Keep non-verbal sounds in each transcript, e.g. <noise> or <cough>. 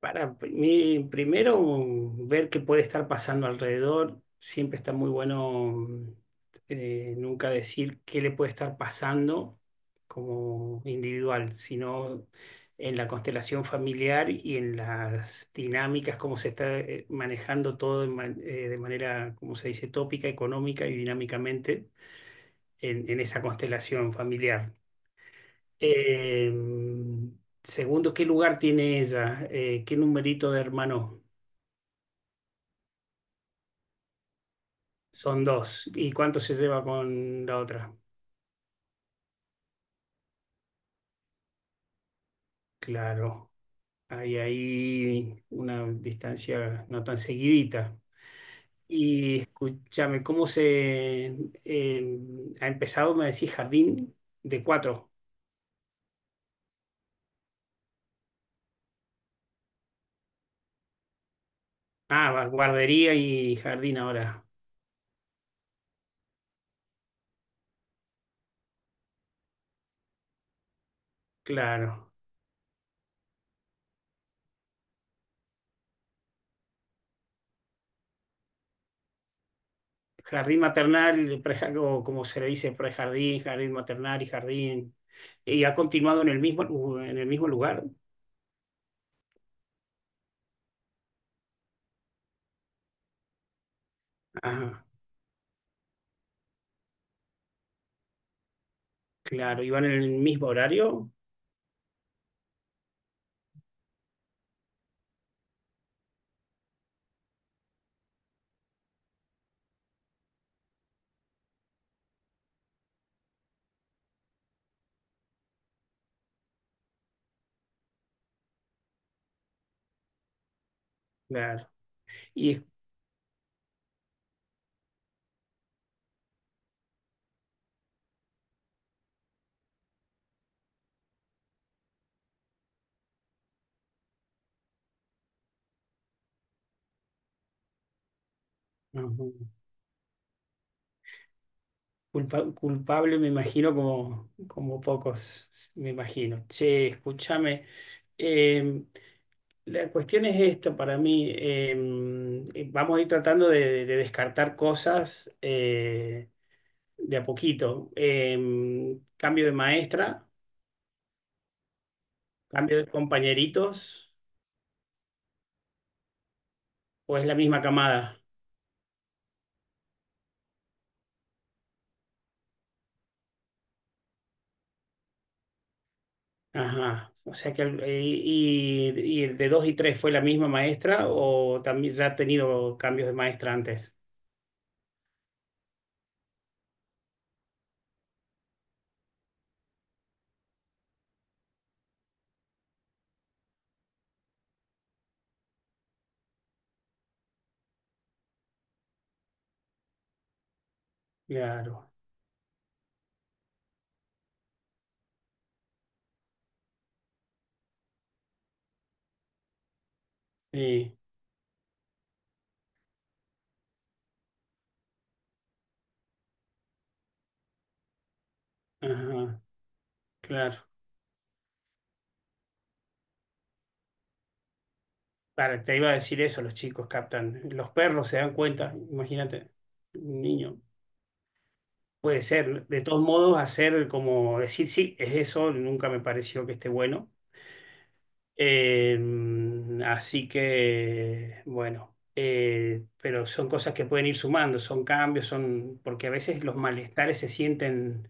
Para mí, primero, ver qué puede estar pasando alrededor. Siempre está muy bueno nunca decir qué le puede estar pasando como individual, sino en la constelación familiar y en las dinámicas, cómo se está manejando todo de, de manera, como se dice, tópica, económica y dinámicamente en esa constelación familiar. Eh, Segundo, ¿qué lugar tiene ella? ¿Qué numerito de hermano? Son dos. ¿Y cuánto se lleva con la otra? Claro, hay ahí una distancia no tan seguidita. Y escúchame, ¿cómo se eh, ha empezado? Me decís jardín de cuatro. Ah, va, guardería y jardín ahora. Claro. Jardín maternal, o como se le dice, prejardín, jardín maternal y jardín. ¿Y ha continuado en el mismo, en el mismo lugar? Ajá, claro. ¿Y van en el mismo horario? Claro. Y ajá. Culpable, me imagino, como, como pocos, me imagino. Che, escúchame. eh, la cuestión es esto para mí. Vamos a ir tratando de descartar cosas de a poquito. Cambio de maestra, cambio de compañeritos, o es la misma camada. Ajá. O sea que, y el de 2 y 3 fue la misma maestra, o también ya ha tenido cambios de maestra antes. Claro. Sí, ajá, claro. Claro, te iba a decir eso, los chicos captan. Los perros se dan cuenta, imagínate, un niño. Puede ser, de todos modos, hacer como decir, sí, es eso, nunca me pareció que esté bueno. Eh, así que, bueno, pero son cosas que pueden ir sumando, son cambios, son, porque a veces los malestares se sienten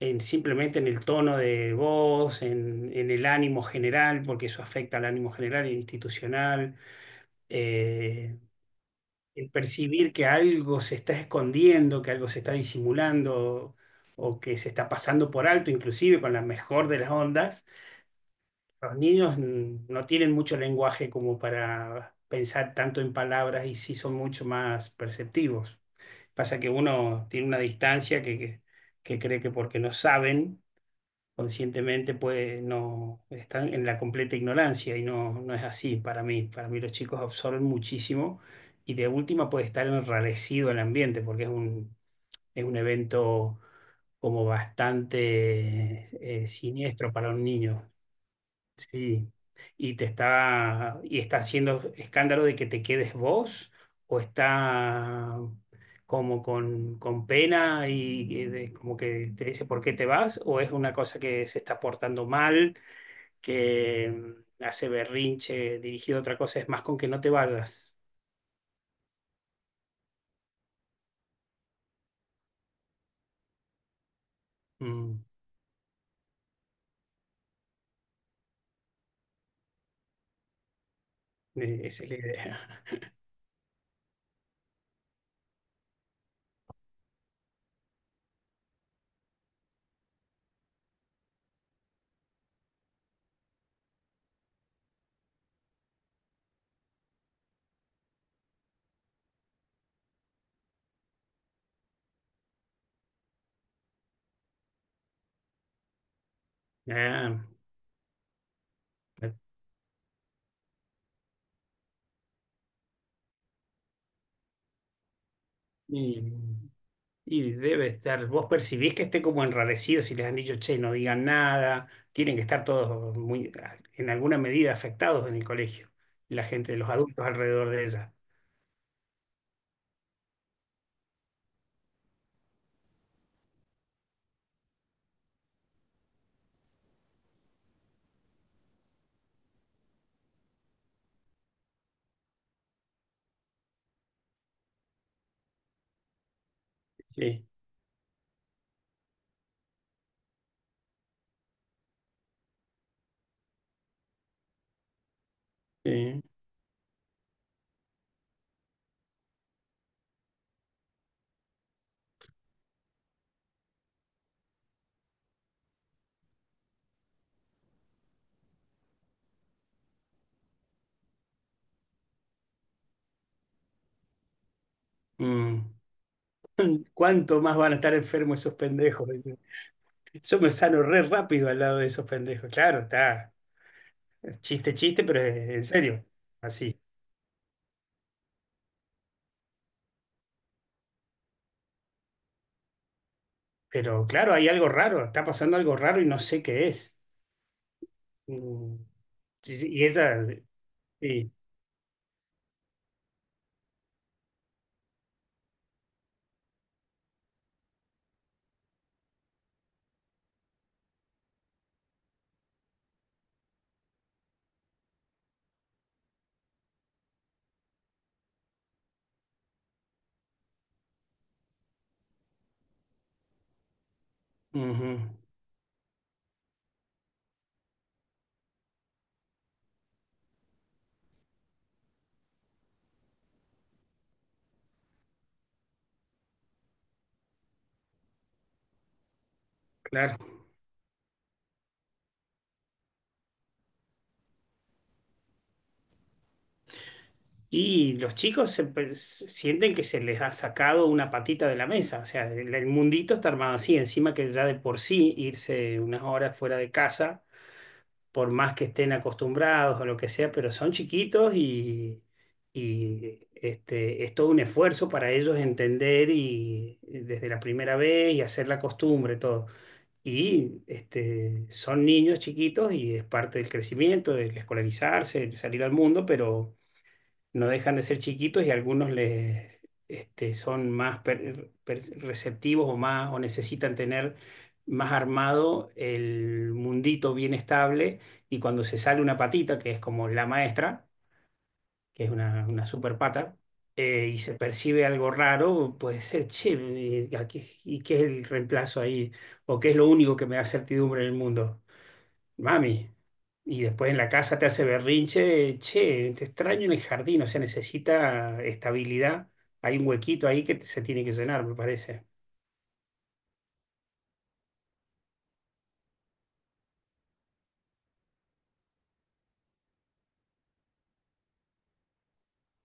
simplemente en el tono de voz, en el ánimo general, porque eso afecta al ánimo general e institucional eh, el percibir que algo se está escondiendo, que algo se está disimulando o que se está pasando por alto, inclusive con la mejor de las ondas. Los niños mm, no tienen mucho lenguaje como para pensar tanto en palabras y sí son mucho más perceptivos. Pasa que uno tiene una distancia que cree que porque no saben, conscientemente puede no están en la completa ignorancia y no, no es así para mí. Para mí los chicos absorben muchísimo y de última puede estar enrarecido el ambiente porque es un evento como bastante siniestro para un niño. Sí, y te está y está haciendo escándalo de que te quedes vos o está como con pena y como que te dice por qué te vas o es una cosa que se está portando mal, que mm, hace berrinche dirigido a otra cosa, es más con que no te vayas. Mm, esa es la idea. <laughs> Ah, y- Y debe estar, vos percibís que esté como enrarecido si les han dicho, che, no digan nada, tienen que estar todos muy, en alguna medida afectados en el colegio, la gente, los adultos alrededor de ella. Sí, sí. Mm. ¿Cuánto más van a estar enfermos esos pendejos? Dice, yo me sano re rápido al lado de esos pendejos. Claro, está, es chiste, chiste, pero es en serio, así. Pero claro, hay algo raro, está pasando algo raro y no sé qué es. Mm. Y ella, sí, ujú, claro. Y los chicos se sienten que se les ha sacado una patita de la mesa, o sea, el mundito está armado así, encima que ya de por sí irse unas horas fuera de casa, por más que estén acostumbrados o lo que sea, pero son chiquitos y este, es todo un esfuerzo para ellos entender y desde la primera vez y hacer la costumbre, todo. Y este, son niños chiquitos y es parte del crecimiento, del escolarizarse, el salir al mundo, pero no dejan de ser chiquitos y algunos les, este, son más receptivos o, más, o necesitan tener más armado el mundito bien estable y cuando se sale una patita, que es como la maestra, que es una super pata, y se percibe algo raro, puede ser, che, ¿y qué es el reemplazo ahí? ¿O qué es lo único que me da certidumbre en el mundo? Mami. Y después en la casa te hace berrinche, che, te extraño en el jardín, o sea, necesita estabilidad. Hay un huequito ahí que se tiene que llenar, me parece.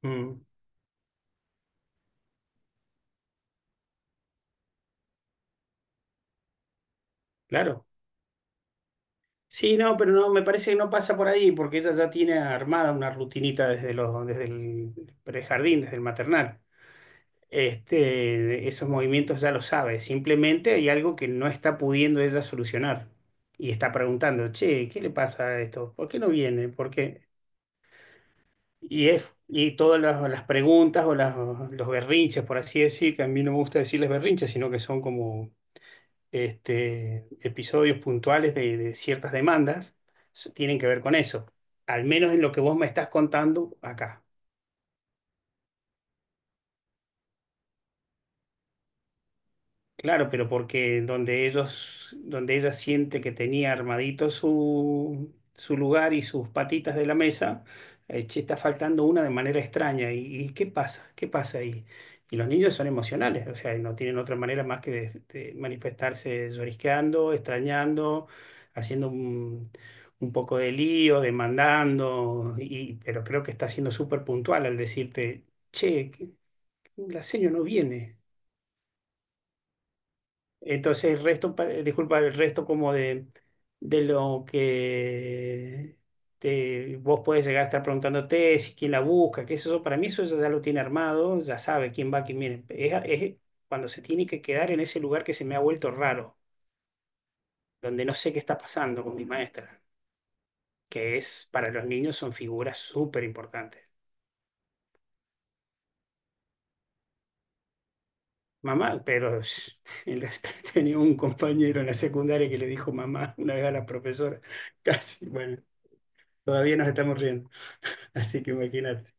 Mm, claro. Sí, no, pero no, me parece que no pasa por ahí, porque ella ya tiene armada una rutinita desde los, desde el prejardín, desde el maternal. Este, esos movimientos ya lo sabe, simplemente hay algo que no está pudiendo ella solucionar. Y está preguntando, che, ¿qué le pasa a esto? ¿Por qué no viene? Porque y, es, y todas las preguntas o las, los berrinches, por así decir, que a mí no me gusta decirles berrinches, sino que son como este, episodios puntuales de ciertas demandas, tienen que ver con eso, al menos en lo que vos me estás contando acá. Claro, pero porque donde ellos, donde ella siente que tenía armadito su, su lugar y sus patitas de la mesa, che, está faltando una de manera extraña. Y qué pasa? ¿Qué pasa ahí? Y los niños son emocionales, o sea, no tienen otra manera más que de manifestarse llorisqueando, extrañando, haciendo un poco de lío, demandando, y, pero creo que está siendo súper puntual al decirte, che, que- la señora no viene. Entonces el resto, disculpa, el resto como de lo que te, vos puedes llegar a estar preguntándote, si quién la busca, qué es eso, para mí eso ya lo tiene armado, ya sabe quién va, quién viene. Es cuando se tiene que quedar en ese lugar que se me ha vuelto raro, donde no sé qué está pasando con mi maestra, que es, para los niños son figuras súper importantes. Mamá, pero <laughs> en la- tenía un compañero en la secundaria que le dijo mamá una vez a la profesora, <laughs> casi, bueno. Todavía nos estamos riendo. <laughs> Así que imagínate.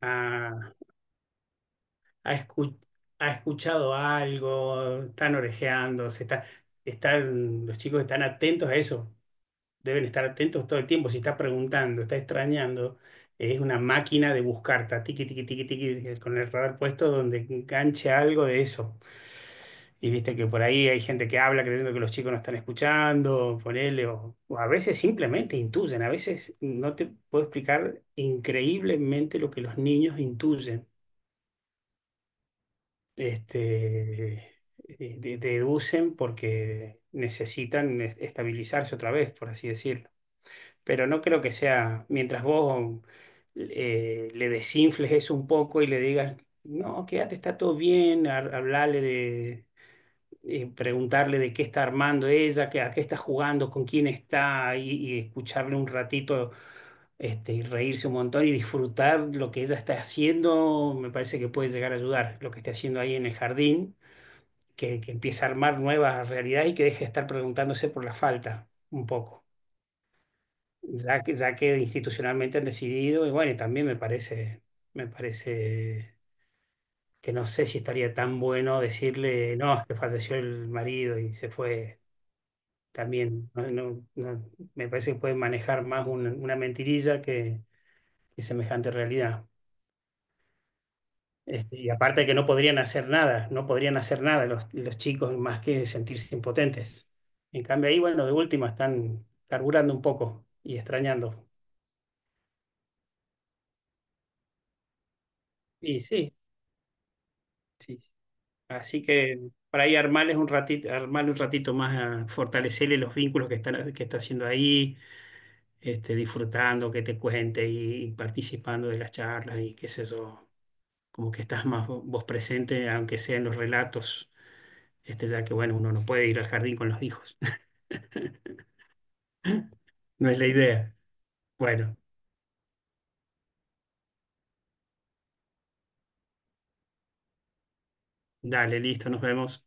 Ah, ha, escu- ha escuchado algo, están orejeando, se está, están, los chicos están atentos a eso. Deben estar atentos todo el tiempo. Si está preguntando, está extrañando, es una máquina de buscar, está tiqui, tiqui, tiqui, tiqui, con el radar puesto donde enganche algo de eso. Y viste que por ahí hay gente que habla creyendo que los chicos no están escuchando, ponele, o a veces simplemente intuyen, a veces no te puedo explicar increíblemente lo que los niños intuyen, este, deducen porque necesitan estabilizarse otra vez, por así decirlo. Pero no creo que sea, mientras vos le desinfles eso un poco y le digas, no, quédate, está todo bien, hablale de preguntarle de qué está armando ella, qué- a qué está jugando, con quién está, y escucharle un ratito este, y reírse un montón y disfrutar lo que ella está haciendo, me parece que puede llegar a ayudar lo que esté haciendo ahí en el jardín, que empiece a armar nuevas realidades y que deje de estar preguntándose por la falta un poco, ya que institucionalmente han decidido, y bueno, y también me parece que no sé si estaría tan bueno decirle, no, es que falleció el marido y se fue. También me parece que pueden manejar más una mentirilla que semejante realidad. Este, y aparte que no podrían hacer nada, no podrían hacer nada los, los chicos más que sentirse impotentes. En cambio ahí, bueno, de última están carburando un poco y extrañando. Y sí, sí. Así que para ahí armarles un ratito, armarle un ratito más, a fortalecerle los vínculos que están, que está haciendo ahí, este, disfrutando, que te cuente y, participando de las charlas y qué sé yo. Como que estás más vos presente, aunque sea en los relatos, este, ya que bueno, uno no puede ir al jardín con los hijos, <laughs> no es la idea. Bueno, dale, listo, nos vemos.